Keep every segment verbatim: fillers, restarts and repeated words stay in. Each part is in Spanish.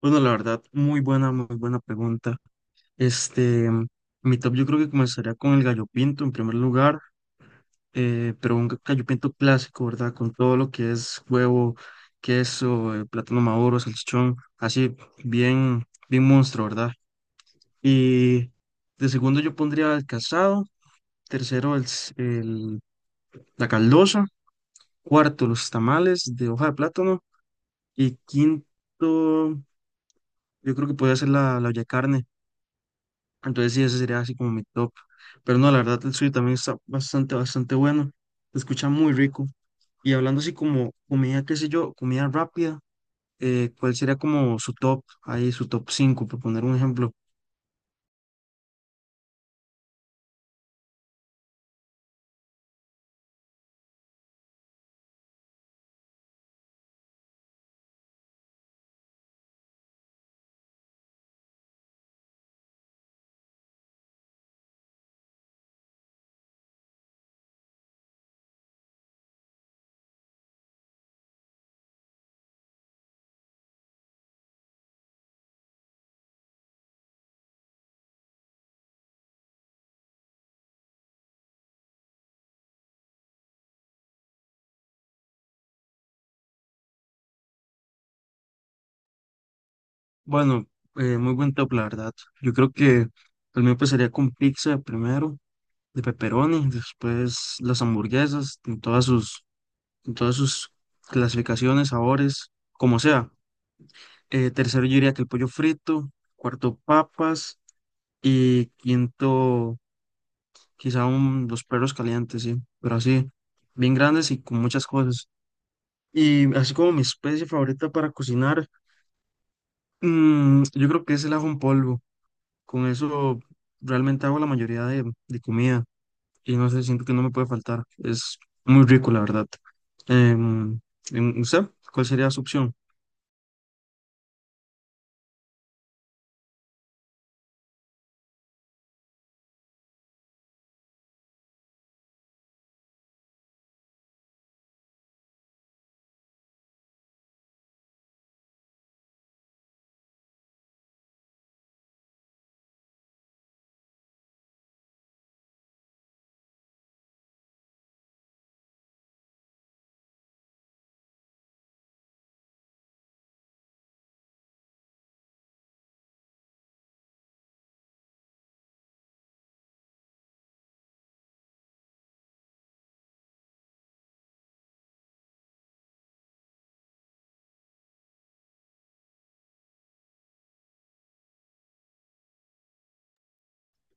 Bueno, la verdad, muy buena, muy buena pregunta. Este, mi top yo creo que comenzaría con el gallo pinto en primer lugar, eh, pero un ga- gallo pinto clásico, ¿verdad? Con todo lo que es huevo, queso, eh, plátano maduro, salchichón, así bien, bien monstruo, ¿verdad? Y de segundo yo pondría el casado, tercero el, s- el- la caldosa, cuarto los tamales de hoja de plátano y quinto yo creo que podría ser la, la olla de carne. Entonces sí, ese sería así como mi top. Pero no, la verdad el suyo también está bastante, bastante bueno. Se escucha muy rico. Y hablando así como comida, qué sé yo, comida rápida, eh, ¿cuál sería como su top? Ahí su top cinco por poner un ejemplo. Bueno, eh, muy buen top, la verdad. Yo creo que el mío empezaría con pizza de primero, de pepperoni, después las hamburguesas, en todas sus, en todas sus clasificaciones, sabores, como sea. Eh, tercero yo diría que el pollo frito, cuarto papas. Y quinto, quizá un, los perros calientes, sí, pero así, bien grandes y con muchas cosas. Y así como mi especie favorita para cocinar, mm, yo creo que es el ajo en polvo. Con eso realmente hago la mayoría de, de comida y no sé, siento que no me puede faltar. Es muy rico, la verdad. Em, em, ¿usted cuál sería su opción?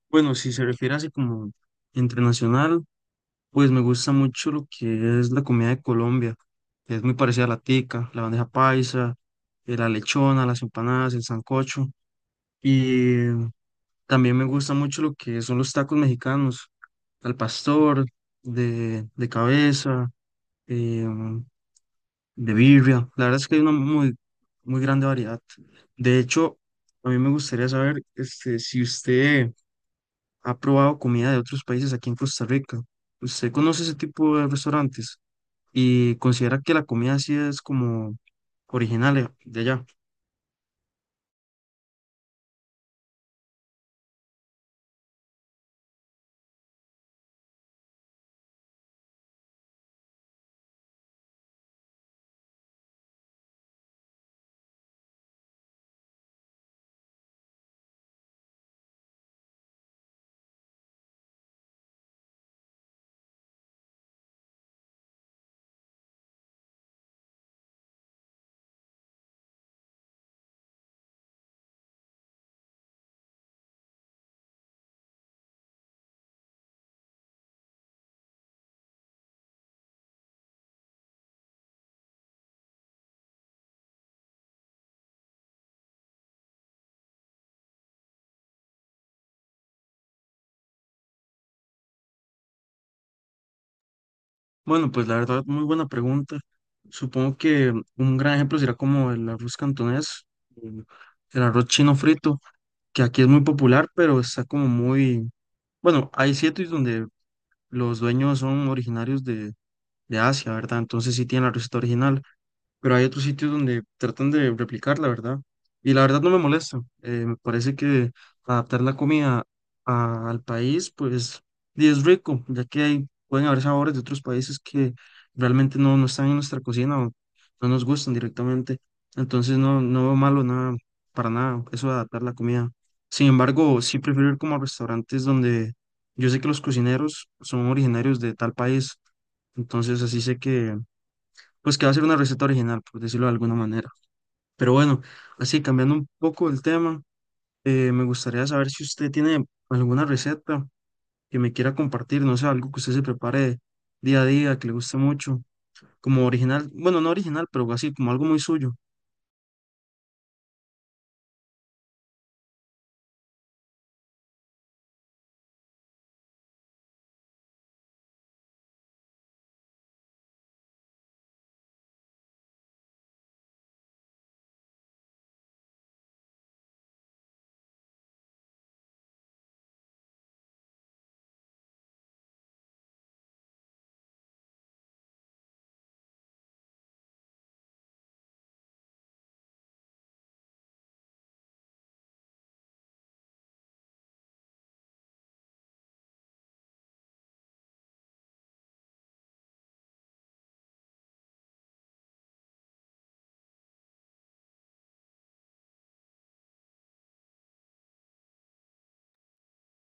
Bueno, si se refiere así como internacional, pues me gusta mucho lo que es la comida de Colombia, que es muy parecida a la tica, la bandeja paisa, eh, la lechona, las empanadas, el sancocho. Y también me gusta mucho lo que son los tacos mexicanos, al pastor, de, de cabeza, em, de birria. La verdad es que hay una muy, muy grande variedad. De hecho, a mí me gustaría saber este, si usted ha probado comida de otros países aquí en Costa Rica. ¿Usted conoce ese tipo de restaurantes y considera que la comida así es como original eh, de allá? Bueno, pues la verdad, muy buena pregunta. Supongo que un gran ejemplo será como el arroz cantonés, el el arroz chino frito, que aquí es muy popular, pero está como muy... Bueno, hay sitios donde los dueños son originarios de, de Asia, ¿verdad? Entonces sí tienen la receta original, pero hay otros sitios donde tratan de replicar la verdad. Y la verdad no me molesta. Eh, me parece que adaptar la comida a- al país, pues, y es rico, ya que hay, pueden haber sabores de otros países que realmente no, no están en nuestra cocina o no nos gustan directamente. Entonces no, no veo malo nada, para nada, eso de adaptar la comida. Sin embargo, sí prefiero ir como a restaurantes donde yo sé que los cocineros son originarios de tal país. Entonces así sé que pues que va a ser una receta original, por decirlo de alguna manera. Pero bueno, así cambiando un poco el tema, eh, me gustaría saber si usted tiene alguna receta que me quiera compartir, no sé, algo que usted se prepare día a día, que le guste mucho, como original, bueno, no original, pero así, como algo muy suyo.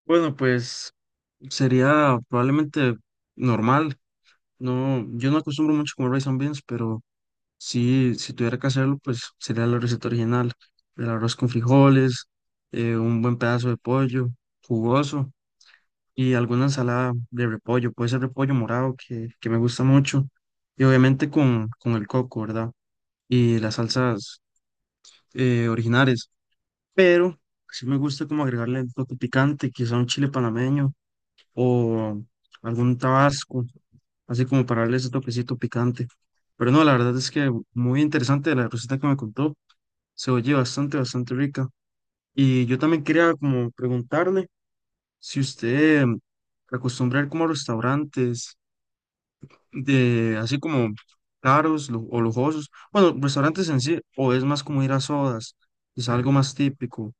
Bueno, pues sería probablemente normal, no, yo no acostumbro mucho comer rice and beans, pero... Sí, si tuviera que hacerlo, pues sería la receta original. El arroz con frijoles, eh, un buen pedazo de pollo jugoso y alguna ensalada de repollo. Puede ser repollo morado, que, que me gusta mucho. Y obviamente con, con el coco, ¿verdad? Y las salsas eh, originales. Pero sí me gusta como agregarle el toque picante, quizá un chile panameño o algún tabasco, así como para darle ese toquecito picante. Pero no, la verdad es que muy interesante la receta que me contó. Se oye bastante, bastante rica. Y yo también quería como preguntarle si usted acostumbra ir como a restaurantes de así como caros lu- o lujosos. Bueno, restaurantes en sí, o es más como ir a sodas, es algo más típico.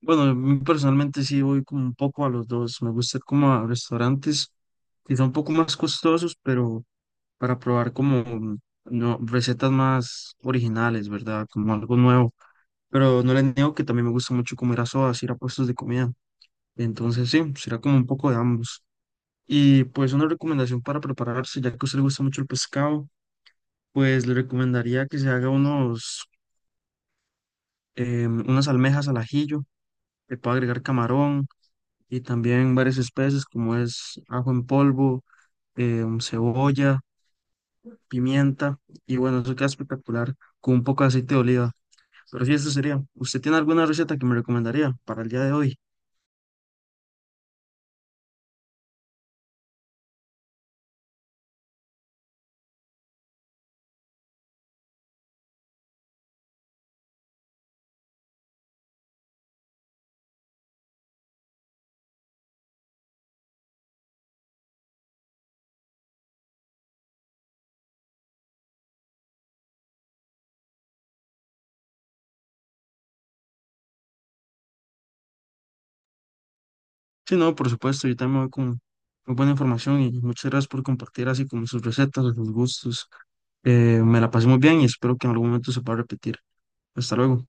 Bueno, a mí personalmente sí voy como un poco a los dos. Me gusta ir como a restaurantes quizá un poco más costosos, pero para probar como mm, no, recetas más originales, ¿verdad? Como algo nuevo. Pero no les niego que también me gusta mucho comer a sodas, ir a puestos de comida. Entonces, sí, será como un poco de ambos. Y pues una recomendación para prepararse, ya que a usted le gusta mucho el pescado, pues le recomendaría que se haga unos, em, unas almejas al ajillo, le puede agregar camarón y también varias especies como es ajo en polvo, em, cebolla, pimienta. Y bueno, eso queda espectacular con un poco de aceite de oliva. Pero sí, eso sería. ¿Usted tiene alguna receta que me recomendaría para el día de hoy? Sí, no, por supuesto, yo también voy con muy buena información y muchas gracias por compartir así como sus recetas, sus gustos. Eh, me la pasé muy bien y espero que en algún momento se pueda repetir. Hasta luego.